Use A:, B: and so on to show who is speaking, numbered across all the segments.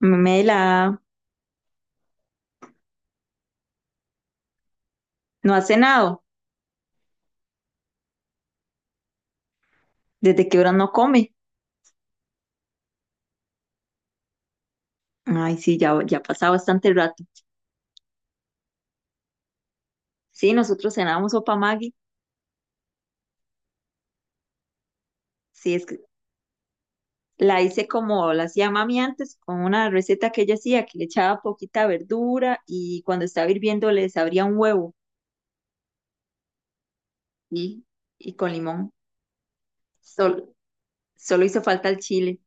A: Mela, no ha cenado. ¿Desde qué hora no come? Ay, sí, ya, ya ha pasado bastante rato. Sí, nosotros cenábamos sopa Maggi. Sí, es que la hice como la hacía mami antes, con una receta que ella hacía, que le echaba poquita verdura y cuando estaba hirviendo le abría un huevo y, y con limón. Solo, solo hizo falta el chile,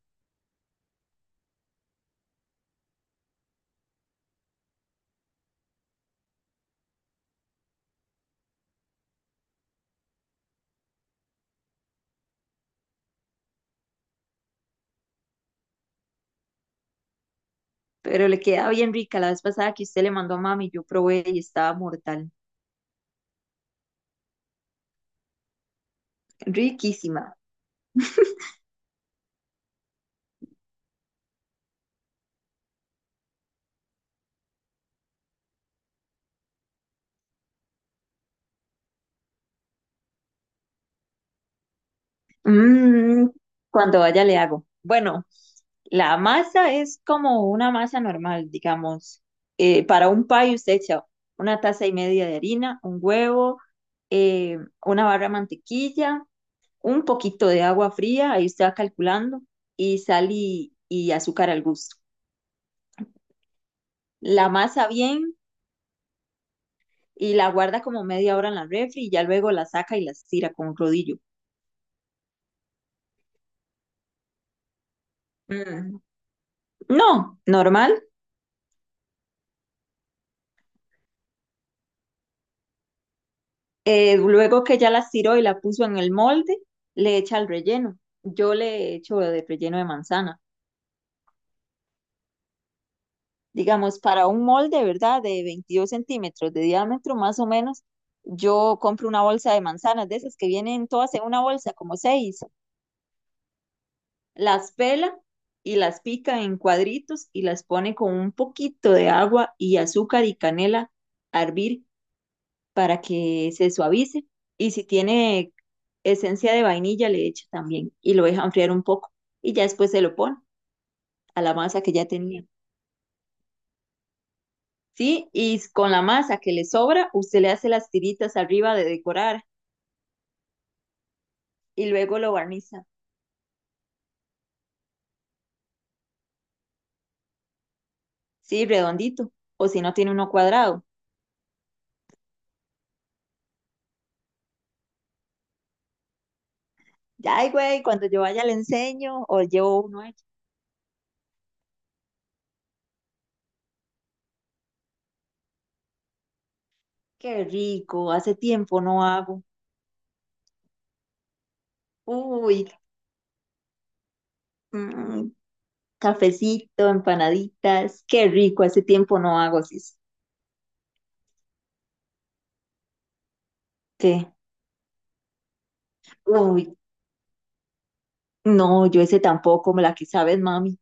A: pero le queda bien rica. La vez pasada que usted le mandó a mami, yo probé y estaba mortal. Riquísima. Mm, cuando vaya le hago. Bueno, la masa es como una masa normal, digamos. Para un pie usted echa una taza y media de harina, un huevo, eh, una barra de mantequilla, un poquito de agua fría, ahí usted va calculando, y sal y azúcar al gusto. La masa bien y la guarda como media hora en la refri y ya luego la saca y la estira con un rodillo. Mm, no, normal. Luego que ya la estiró y la puso en el molde, le echa el relleno. Yo le echo de relleno de manzana. Digamos, para un molde, ¿verdad? De 22 cm de diámetro, más o menos, yo compro una bolsa de manzanas, de esas que vienen todas en una bolsa, como seis. Las pela y las pica en cuadritos y las pone con un poquito de agua y azúcar y canela a hervir para que se suavice. Y si tiene esencia de vainilla, le echa también y lo deja enfriar un poco. Y ya después se lo pone a la masa que ya tenía. Sí, y con la masa que le sobra, usted le hace las tiritas arriba de decorar y luego lo barniza. Sí, redondito. O si no tiene uno cuadrado. Ya, ay, güey, cuando yo vaya le enseño o llevo uno hecho. Qué rico, hace tiempo no hago. Uy, mm, cafecito, empanaditas. Qué rico, hace tiempo no hago así. ¿Qué? Uy, no, yo ese tampoco, me la que sabes, mami.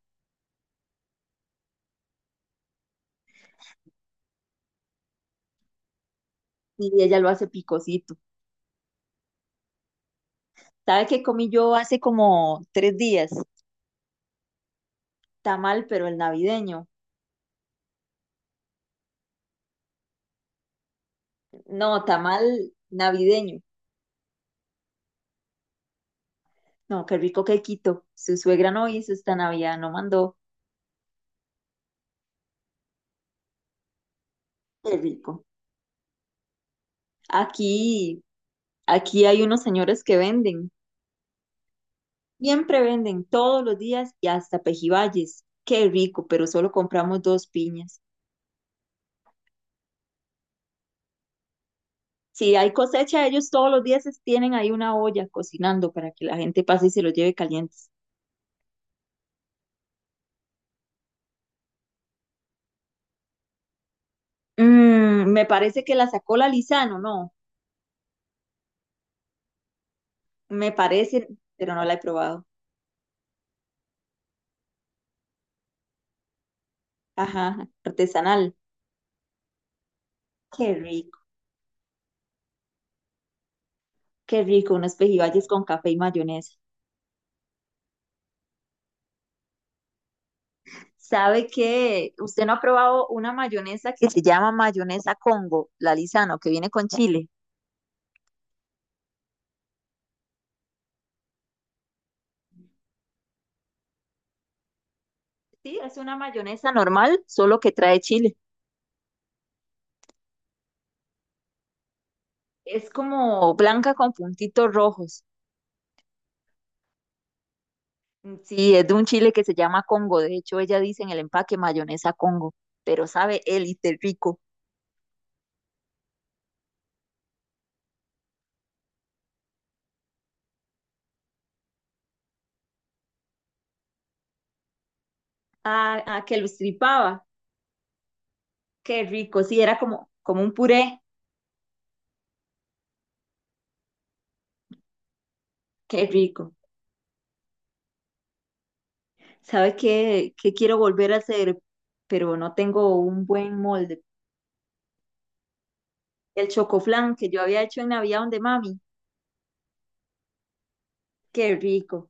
A: Y ella lo hace picosito. ¿Sabe qué comí yo hace como 3 días? Tamal, pero el navideño. No, tamal navideño. No, qué rico quequito. Su suegra no hizo esta Navidad, no mandó. Qué rico. Aquí, aquí hay unos señores que venden. Siempre venden todos los días y hasta pejibayes. Qué rico, pero solo compramos dos piñas. Si hay cosecha, ellos todos los días tienen ahí una olla cocinando para que la gente pase y se los lleve calientes. Me parece que la sacó la Lizano, no, me parece, pero no la he probado. Ajá, artesanal. Qué rico, qué rico, unos pejibayes con café y mayonesa. ¿Sabe que usted no ha probado una mayonesa que se llama mayonesa Congo, la Lizano, que viene con chile? Sí, es una mayonesa normal, solo que trae chile. Es como blanca con puntitos rojos. Sí, es de un chile que se llama Congo. De hecho, ella dice en el empaque mayonesa Congo, pero sabe élite rico. Ah, ah, que lo estripaba. Qué rico. Sí, era como, como un puré. Qué rico. ¿Sabe qué, quiero volver a hacer? Pero no tengo un buen molde. El chocoflan que yo había hecho en Navidad de mami. Qué rico.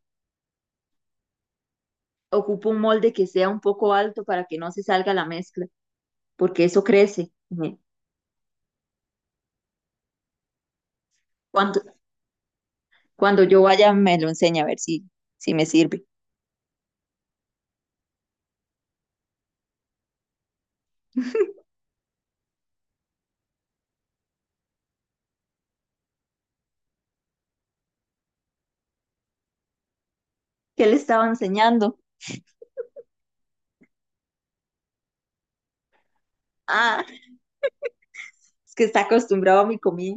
A: Ocupo un molde que sea un poco alto para que no se salga la mezcla, porque eso crece. Cuando, cuando yo vaya me lo enseña a ver si me sirve. ¿Qué le estaba enseñando? Ah, es que está acostumbrado a mi comida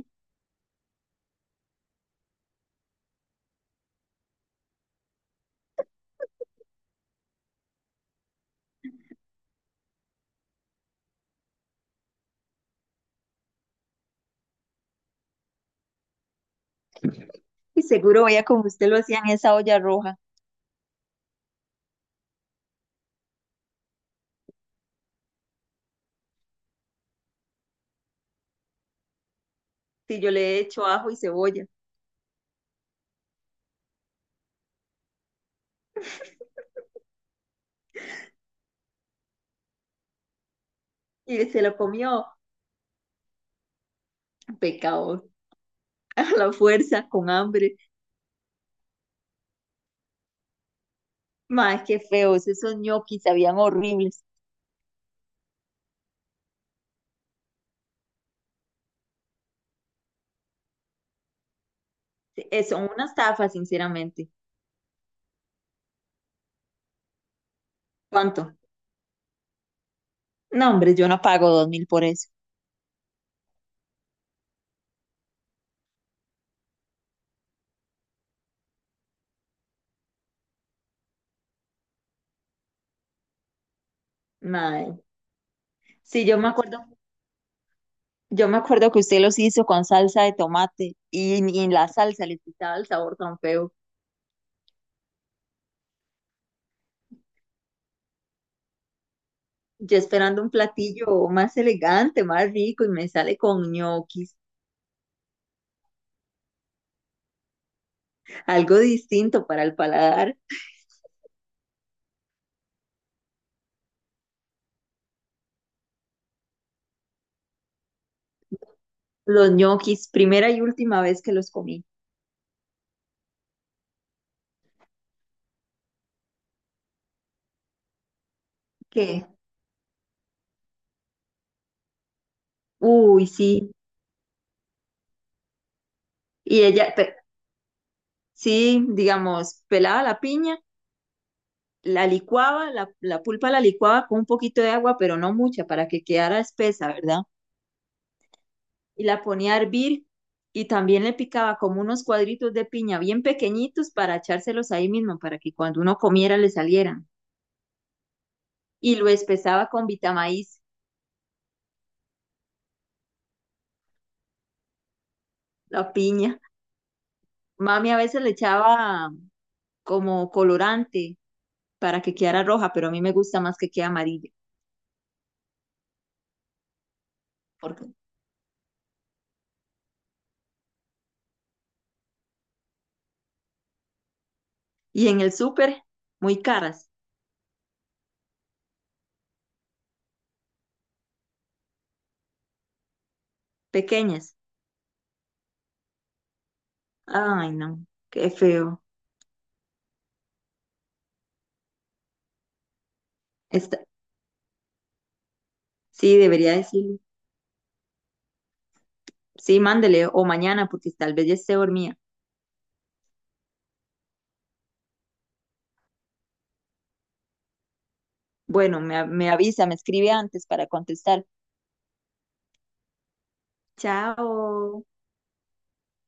A: y seguro veía como usted lo hacía en esa olla roja. Si yo le he hecho ajo y cebolla y se lo comió, pecado, a la fuerza, con hambre. Más qué feos, esos ñoquis sabían horribles. Son una estafa, sinceramente. ¿Cuánto? No, hombre, yo no pago 2000 por eso. Mae, sí, yo me acuerdo que usted los hizo con salsa de tomate y la salsa le quitaba el sabor tan feo. Yo esperando un platillo más elegante, más rico y me sale con ñoquis, algo distinto para el paladar. Los ñoquis, primera y última vez que los comí. ¿Qué? Uy, sí. Y ella, sí, digamos, pelaba la piña, la licuaba, la pulpa la licuaba con un poquito de agua, pero no mucha, para que quedara espesa, ¿verdad? Y la ponía a hervir y también le picaba como unos cuadritos de piña bien pequeñitos para echárselos ahí mismo, para que cuando uno comiera le salieran. Y lo espesaba con vitamaíz, la piña. Mami a veces le echaba como colorante para que quedara roja, pero a mí me gusta más que quede amarilla. porque- Y en el súper, muy caras, pequeñas. Ay, no, qué feo. Está. Sí, debería decirle. Sí, mándele o mañana porque tal vez ya esté dormida. Bueno, me avisa, me escribe antes para contestar. Chao.